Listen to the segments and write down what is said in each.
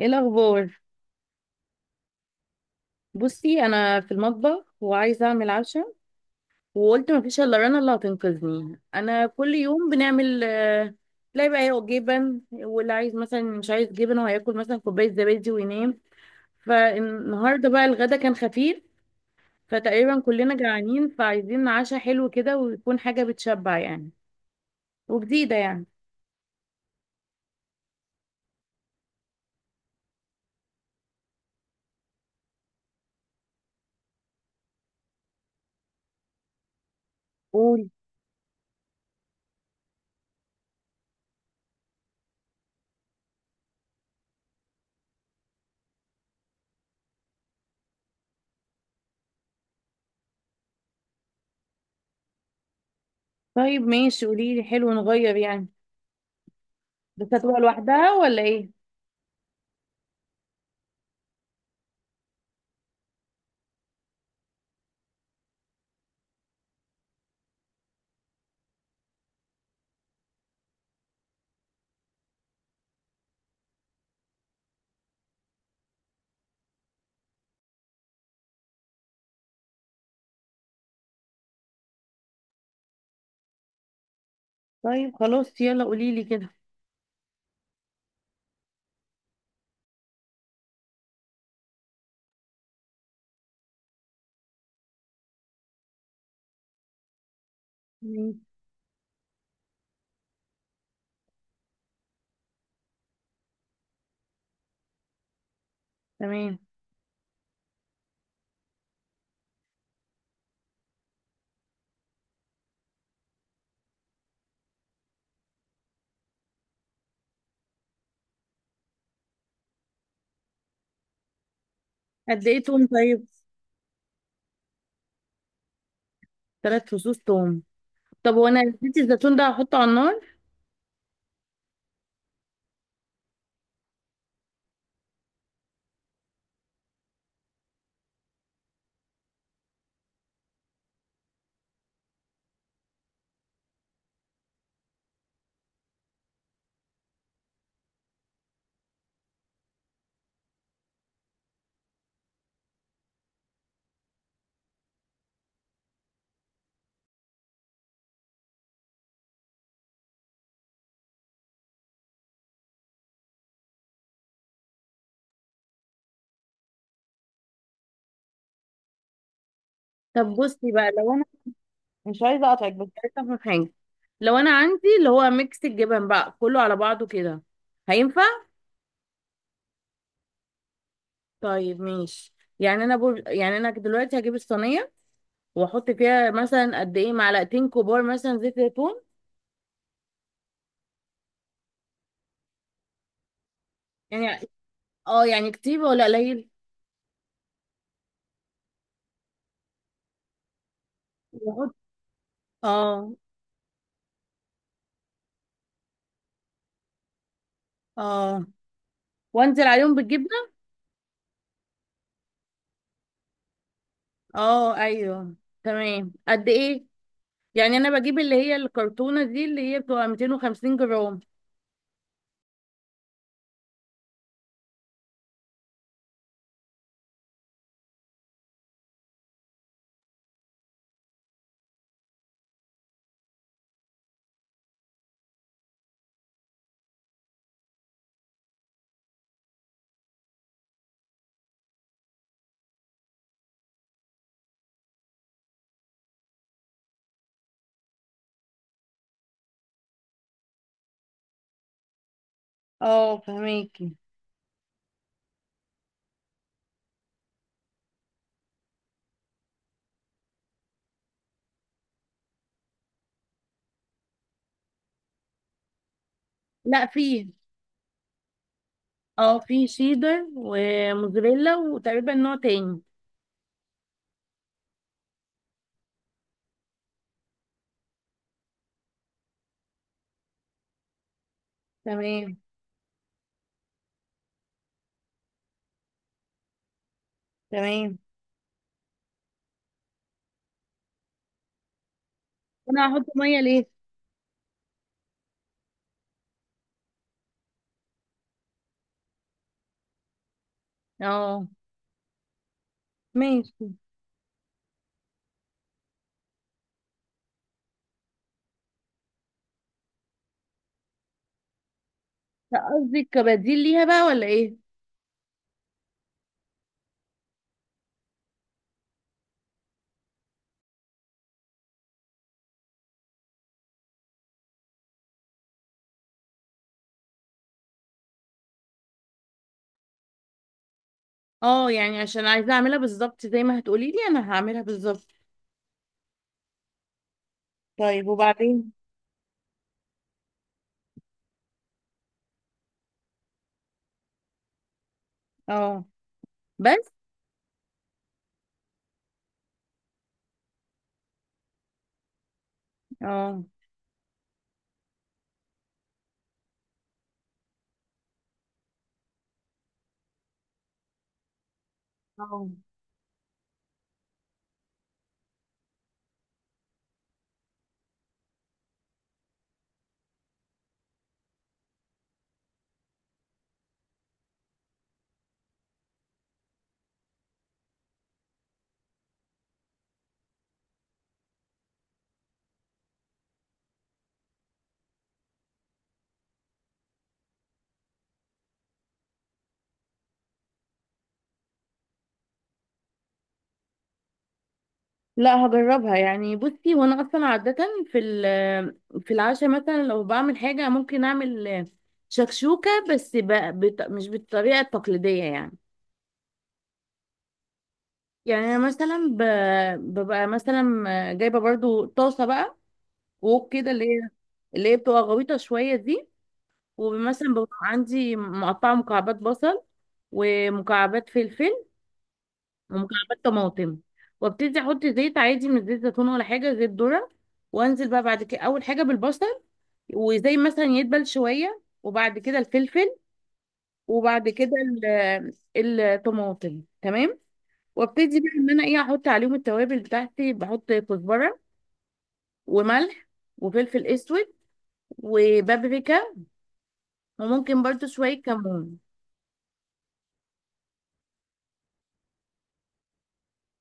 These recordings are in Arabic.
ايه الاخبار؟ بصي، انا في المطبخ وعايزه اعمل عشاء، وقلت مفيش الا رنا اللي هتنقذني. انا كل يوم بنعمل تلاقي بقى هو جبن، واللي عايز مثلا مش عايز جبن وهياكل مثلا كوبايه زبادي وينام. فالنهارده بقى الغدا كان خفيف، فتقريبا كلنا جعانين، فعايزين عشاء حلو كده ويكون حاجه بتشبع يعني، وجديده يعني. قولي. طيب ماشي، قولي لي. حلو نغير يعني. بس هتبقى لوحدها ولا ايه؟ طيب خلاص، يلا قولي لي كده. مم. تمام. قد ايه توم طيب؟ ثلاث فصوص توم. طب وانا نسيت الزيتون ده، هحطه على النار؟ طب بصي بقى، لو انا مش عايزه اقطعك بس عايزه افهم حاجه. لو انا عندي اللي هو ميكس الجبن بقى كله على بعضه كده، هينفع؟ طيب ماشي. يعني انا دلوقتي هجيب الصينيه واحط فيها مثلا قد ايه؟ معلقتين كبار مثلا زيت زيتون؟ يعني اه، يعني كتير ولا قليل؟ واحط. اه. اه. وانزل عليهم بالجبنه؟ اه ايوه. تمام. قد ايه؟ يعني انا بجيب اللي هي الكرتونة دي اللي هي بتبقى 250 جرام. اه فهميكي. لا فيه. اه فيه شيدر وموزاريلا وتقريبا نوع تاني. تمام. تمام. انا هحط ميه ليه؟ اه. ماشي. لا قصدي كبديل ليها بقى ولا ايه؟ اه يعني عشان عايزه اعملها بالظبط زي ما هتقولي لي، انا هعملها بالظبط. طيب وبعدين؟ اه. بس. اه. اه لا، هجربها يعني. بصي، وانا اصلا عادة في العشاء مثلا لو بعمل حاجة ممكن اعمل شكشوكة، مش بالطريقة التقليدية يعني. يعني انا مثلا ببقى مثلا جايبة برضو طاسة بقى، ووك كده اللي هي بتبقى غويطة شوية دي. ومثلا ببقى عندي مقطعة مكعبات بصل، ومكعبات فلفل، ومكعبات طماطم. وابتدي احط زيت عادي، من زيت زيتون ولا حاجه زيت ذره. وانزل بقى بعد كده، اول حاجه بالبصل، وزي مثلا يدبل شويه وبعد كده الفلفل، وبعد كده الطماطم. تمام. وابتدي بقى ان انا ايه، احط عليهم التوابل بتاعتي. بحط كزبره، وملح، وفلفل اسود، وبابريكا، وممكن برضو شويه كمون.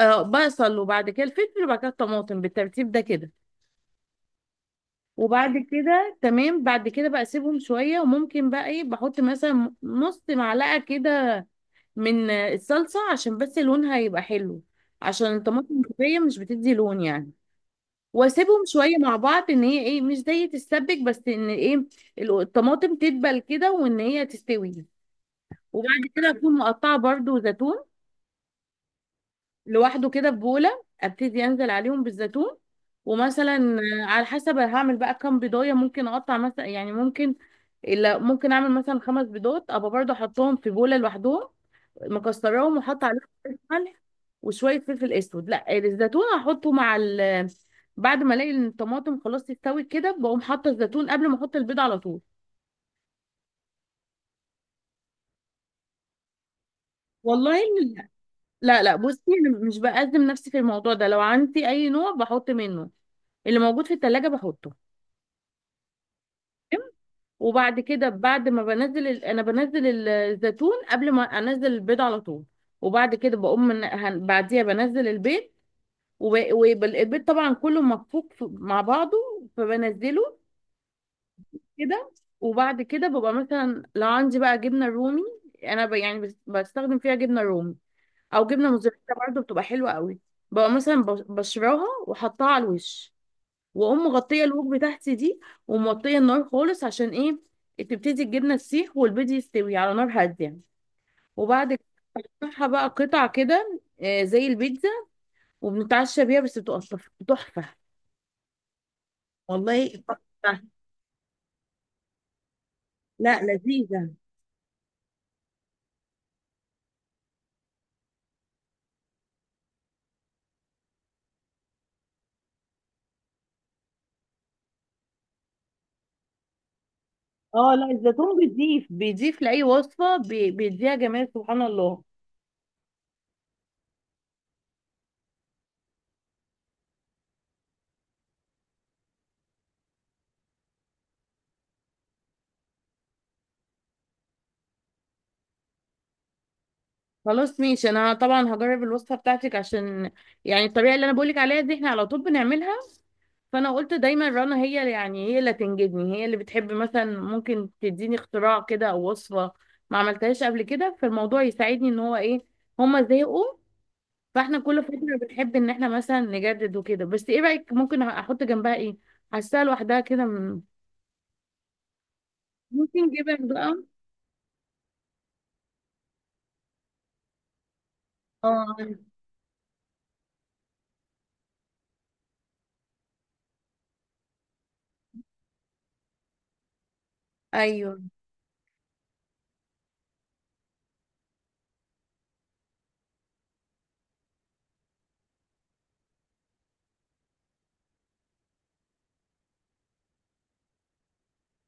آه بصل، وبعد كده الفلفل، وبعد كده الطماطم بالترتيب ده كده. وبعد كده تمام، بعد كده بقى اسيبهم شويه. وممكن بقى ايه، بحط مثلا نص معلقه كده من الصلصه، عشان بس لونها يبقى حلو، عشان الطماطم المطبيه مش بتدي لون يعني. واسيبهم شويه مع بعض، ان هي ايه، مش زي تتسبك بس ان ايه، الطماطم تدبل كده وان هي تستوي. وبعد كده اكون مقطعه برضو زيتون لوحده كده في بولة، ابتدي انزل عليهم بالزيتون. ومثلا على حسب هعمل بقى كام بيضاية، ممكن اقطع مثلا، يعني ممكن إلا ممكن اعمل مثلا خمس بيضات، ابقى برضه احطهم في بولة لوحدهم، مكسراهم، وحط عليهم شوية ملح، وشوية فلفل اسود. لا الزيتون هحطه مع ال، بعد ما الاقي إن الطماطم خلاص استوت كده، بقوم حاطه الزيتون قبل ما احط البيض على طول. والله إن- لا لا، بصي أنا مش بأزم نفسي في الموضوع ده. لو عندي اي نوع بحط منه، اللي موجود في التلاجة بحطه. وبعد كده، بعد ما بنزل الزيتون قبل ما انزل البيض على طول. وبعد كده بقوم بعديها بنزل البيض. والبيض طبعا كله مفكوك مع بعضه، فبنزله كده. وبعد كده ببقى مثلا لو عندي بقى جبنه رومي، انا يعني بستخدم فيها جبنه رومي او جبنه موزاريلا برضه، بتبقى حلوه قوي. ببقى مثلا بشراها واحطها على الوش، واقوم مغطيه الوك بتاعتي دي، وموطيه النار خالص. عشان ايه؟ تبتدي الجبنه تسيح والبيض يستوي على نار هاديه. وبعد كده بقطعها بقى قطع كده، زي البيتزا، وبنتعشى بيها. بس بتبقى تحفه تحفة. والله تحفة. لا لذيذة. اه لا، الزيتون بيضيف بيضيف لأي وصفة، بيديها جمال سبحان الله. خلاص ماشي، انا طبعا هجرب الوصفه بتاعتك. عشان يعني الطريقه اللي انا بقولك عليها دي، احنا على طول بنعملها. فانا قلت دايما رنا هي يعني هي اللي تنجدني، هي اللي بتحب مثلا ممكن تديني اختراع كده او وصفه ما عملتهاش قبل كده. فالموضوع يساعدني ان هو ايه، هما زهقوا. فاحنا كل فتره بنحب ان احنا مثلا نجدد وكده. بس ايه رايك ممكن احط جنبها ايه؟ حاساها لوحدها كده ممكن جبن بقى؟ اه ايوه.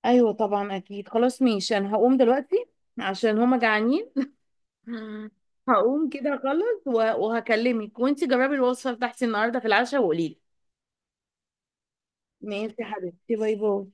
ايوه طبعا اكيد، خلاص ماشي. انا هقوم دلوقتي عشان هما جعانين. مم. هقوم كده اخلص وهكلمك. وانتي جربي الوصفه بتاعتي النهارده في العشاء وقولي لي. ماشي يا حبيبتي، باي باي.